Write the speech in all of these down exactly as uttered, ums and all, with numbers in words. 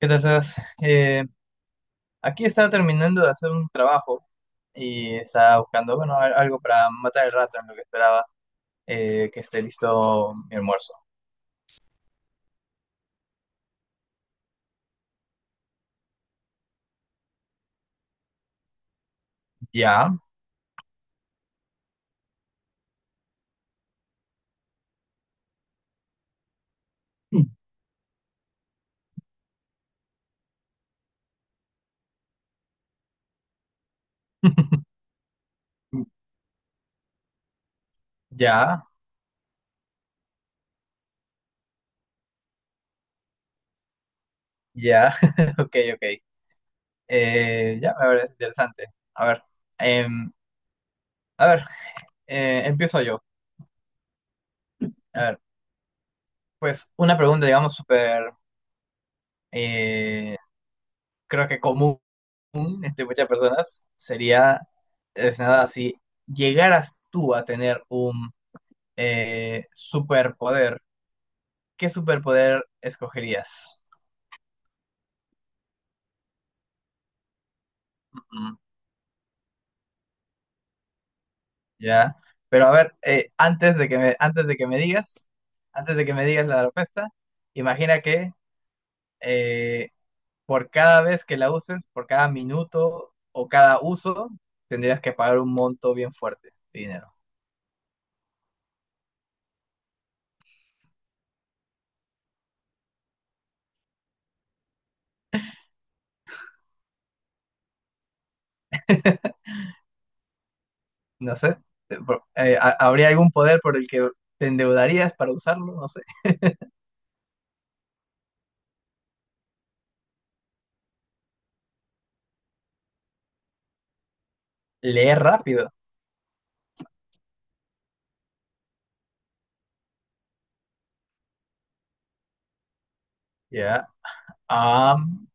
¿Qué tal, Sebas? Eh, aquí estaba terminando de hacer un trabajo y estaba buscando, bueno, al- algo para matar el rato en lo que esperaba eh, que esté listo mi almuerzo. Ya. Ya, ya. Ok, ok. Eh, ya, me parece interesante. A ver, em, a ver, eh, empiezo yo. A ver, pues una pregunta, digamos, súper, eh, creo que común. común entre muchas personas sería, es nada, si llegaras tú a tener un eh, superpoder, ¿qué superpoder escogerías? Ujú. ¿Ya? Pero a ver, eh, antes de que me, antes de que me digas, antes de que me digas la respuesta, imagina que eh, por cada vez que la uses, por cada minuto o cada uso, tendrías que pagar un monto bien fuerte de dinero. No sé. Eh, por- eh, ha- ¿habría algún poder por el que te endeudarías para usarlo? No sé. Leer rápido. Ya. Am,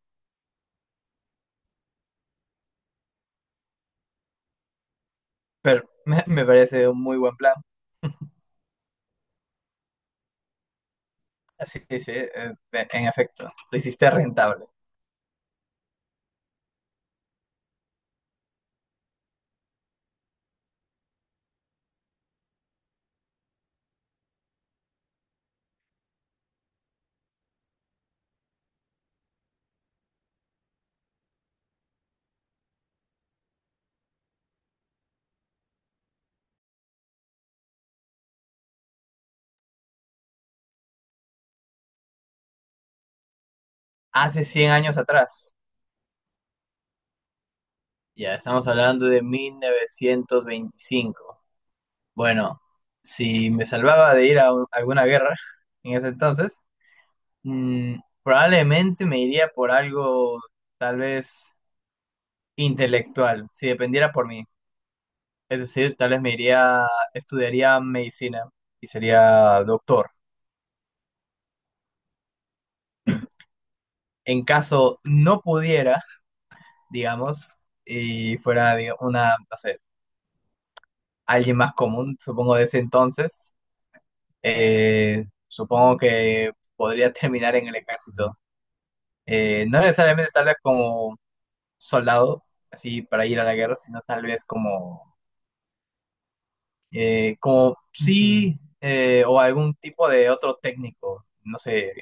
pero me, me parece un muy buen plan. Así que sí, eh, en efecto, lo hiciste rentable. Hace cien años atrás. Ya, estamos hablando de mil novecientos veinticinco. Bueno, si me salvaba de ir a un- alguna guerra en ese entonces, mm, probablemente me iría por algo tal vez intelectual, si dependiera por mí. Es decir, tal vez me iría, estudiaría medicina y sería doctor. En caso no pudiera, digamos, y fuera diga- una, no sé, alguien más común, supongo de ese entonces, eh, supongo que podría terminar en el ejército. Eh, no necesariamente tal vez como soldado, así para ir a la guerra, sino tal vez como, eh, como sí, eh, o algún tipo de otro técnico, no sé,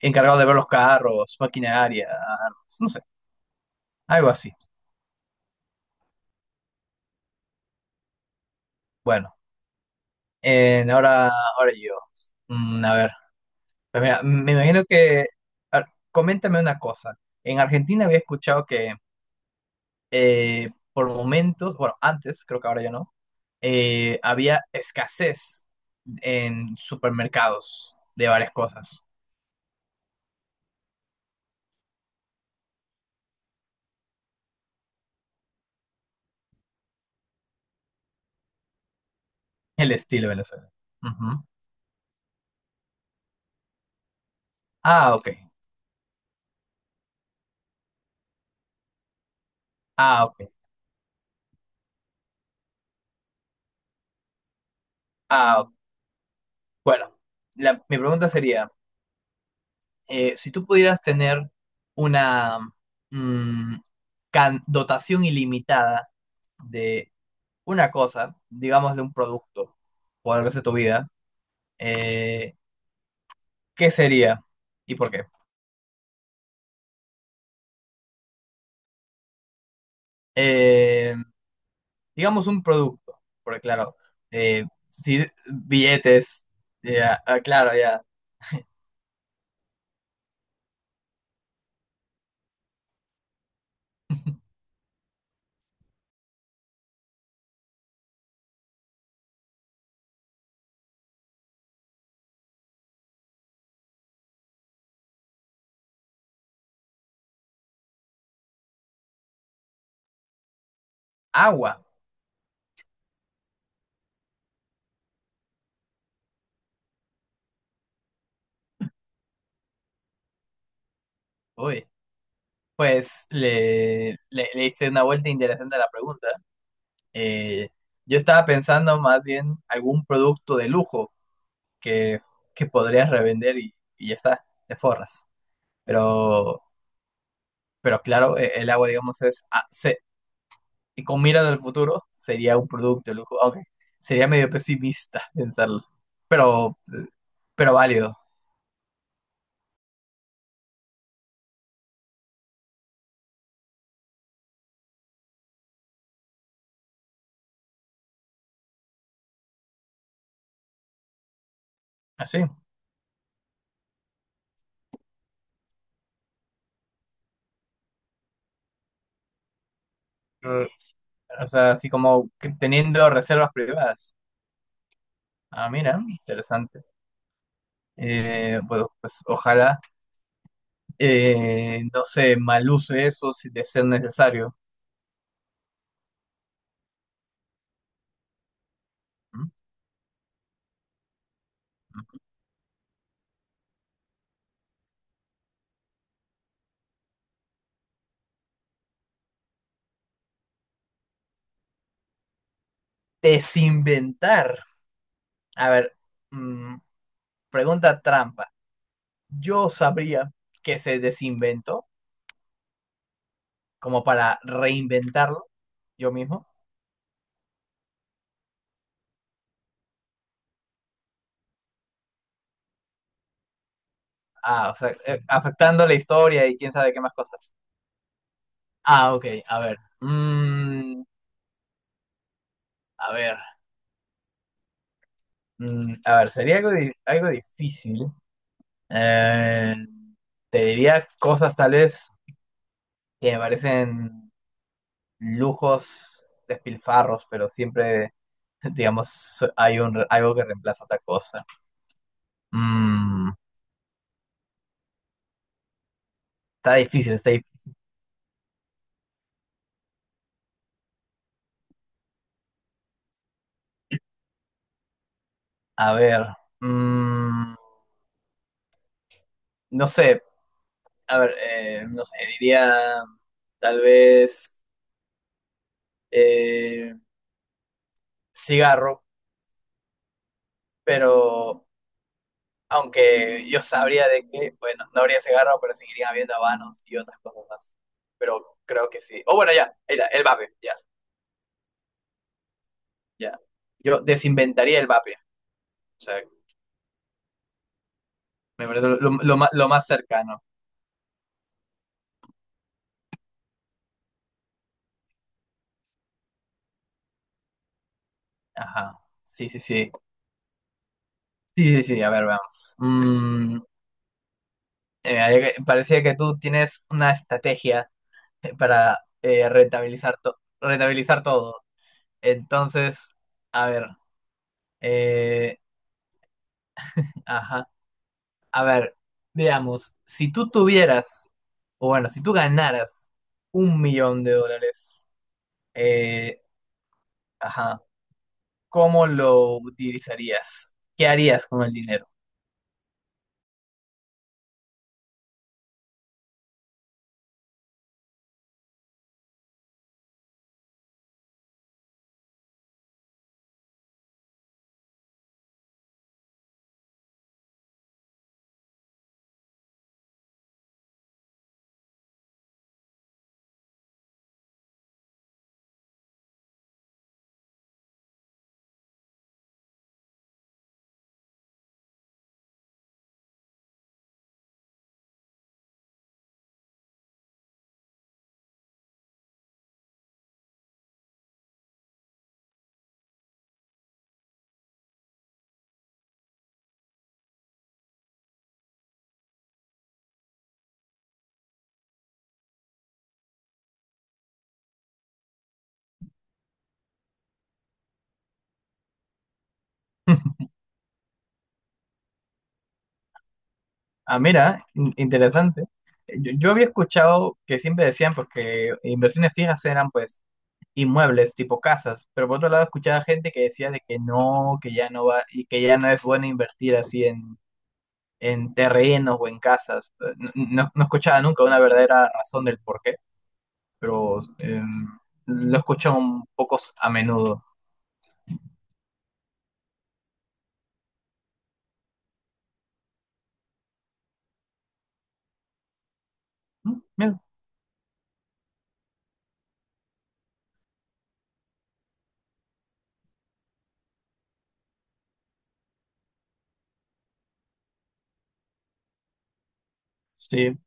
encargado de ver los carros, maquinaria, armas, no sé, algo así. Bueno, en- ahora, ahora yo. Mm, a ver, pues mira, me imagino que, a ver, coméntame una cosa. En Argentina había escuchado que eh, por momentos, bueno, antes, creo que ahora ya no, eh, había escasez en supermercados de varias cosas. El estilo Venezuela. Ujú. Ah, ok. Ah, ok. Ah, ok. Bueno, la- mi pregunta sería... eh, si tú pudieras tener una mm, can- dotación ilimitada de una cosa, digamos de un producto, por el resto de tu vida, eh, ¿qué sería y por qué? Eh, digamos un producto, porque claro, eh, si billetes, ya, ah, ah, claro, ya. Agua, uy. Pues le, le, le hice una vuelta interesante a la pregunta. Eh, yo estaba pensando más bien algún producto de lujo que, que podrías revender y, y ya está, te forras. Pero, pero claro, e- el agua, digamos, es... ah, se- y con mira del futuro, sería un producto de lujo. Aunque sería medio pesimista pensarlo. Pero, pero válido. Así. Mm, O sea, así como que teniendo reservas privadas. Ah, mira, interesante. Eh, bueno, pues ojalá. Eh, no sé, mal uso de eso si de ser necesario. ¿Mm? Desinventar. A ver, mm, pregunta trampa. Yo sabría que se desinventó como para reinventarlo yo mismo. Ah, o sea, eh, afectando la historia y quién sabe qué más cosas. Ah, ok, a ver. Mm, a ver. Mm, a ver, sería algo, di- algo difícil. Eh, Te diría cosas tal vez que me parecen lujos, despilfarros, pero siempre, digamos, so, hay un, algo que reemplaza otra cosa. Mm, Está difícil, está difícil. A ver, mm, no sé, a ver, eh, no sé, diría tal vez eh, cigarro, pero aunque yo sabría de que, bueno, no habría cigarro, pero seguirían habiendo habanos y otras cosas más. Pero creo que sí. O bueno, ya, ahí está, el vape, ya, ya. Yo desinventaría el vape. O sea, me parece lo, lo- lo más, lo más cercano. Ajá. Sí, sí, sí. Sí, sí, sí. A ver, vamos. Mm, eh, ahí que- parecía que tú tienes una estrategia para eh, rentabilizar, to- rentabilizar todo. Entonces, a ver. eh, ajá. A ver, veamos. Si tú tuvieras, o bueno, si tú ganaras un millón de dólares, eh, ajá, ¿cómo lo utilizarías? ¿Qué harías con el dinero? Ah, mira, in- interesante. Yo, yo había escuchado que siempre decían, porque inversiones fijas eran pues inmuebles, tipo casas, pero por otro lado escuchaba gente que decía de que no, que ya no va, y que ya no es bueno invertir así en, en terrenos o en casas. Eh, No, no- no escuchaba nunca una verdadera razón del por qué, pero eh, lo escucho un poco a menudo. Mm, Mira, sí,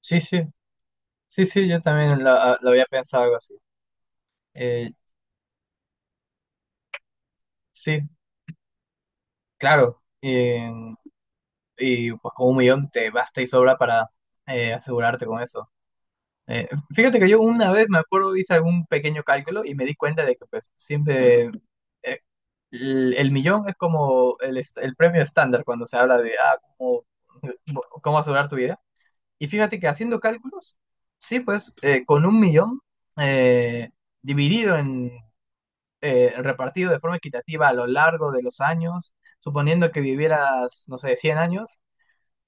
sí, sí, sí, sí, yo también lo, ah, lo había pensado algo así. Eh, sí, claro. Eh, y pues con un millón te basta y sobra para eh, asegurarte con eso. Eh, Fíjate que yo una vez me acuerdo, hice algún pequeño cálculo y me di cuenta de que pues siempre eh, el, el millón es como el, est- el premio estándar cuando se habla de ah, cómo, cómo asegurar tu vida. Y fíjate que haciendo cálculos, sí, pues eh, con un millón eh, dividido en, eh, repartido de forma equitativa a lo largo de los años, suponiendo que vivieras, no sé, cien años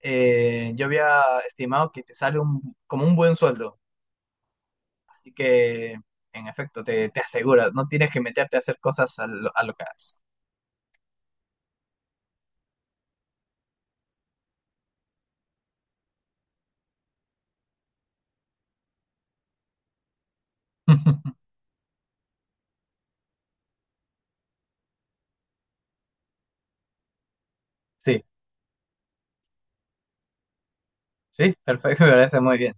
eh, yo había estimado que te sale un, como un buen sueldo. Así que, en efecto, te, te aseguras, no tienes que meterte a hacer cosas a lo, a lo que haces. Sí, sí, perfecto, me parece muy bien.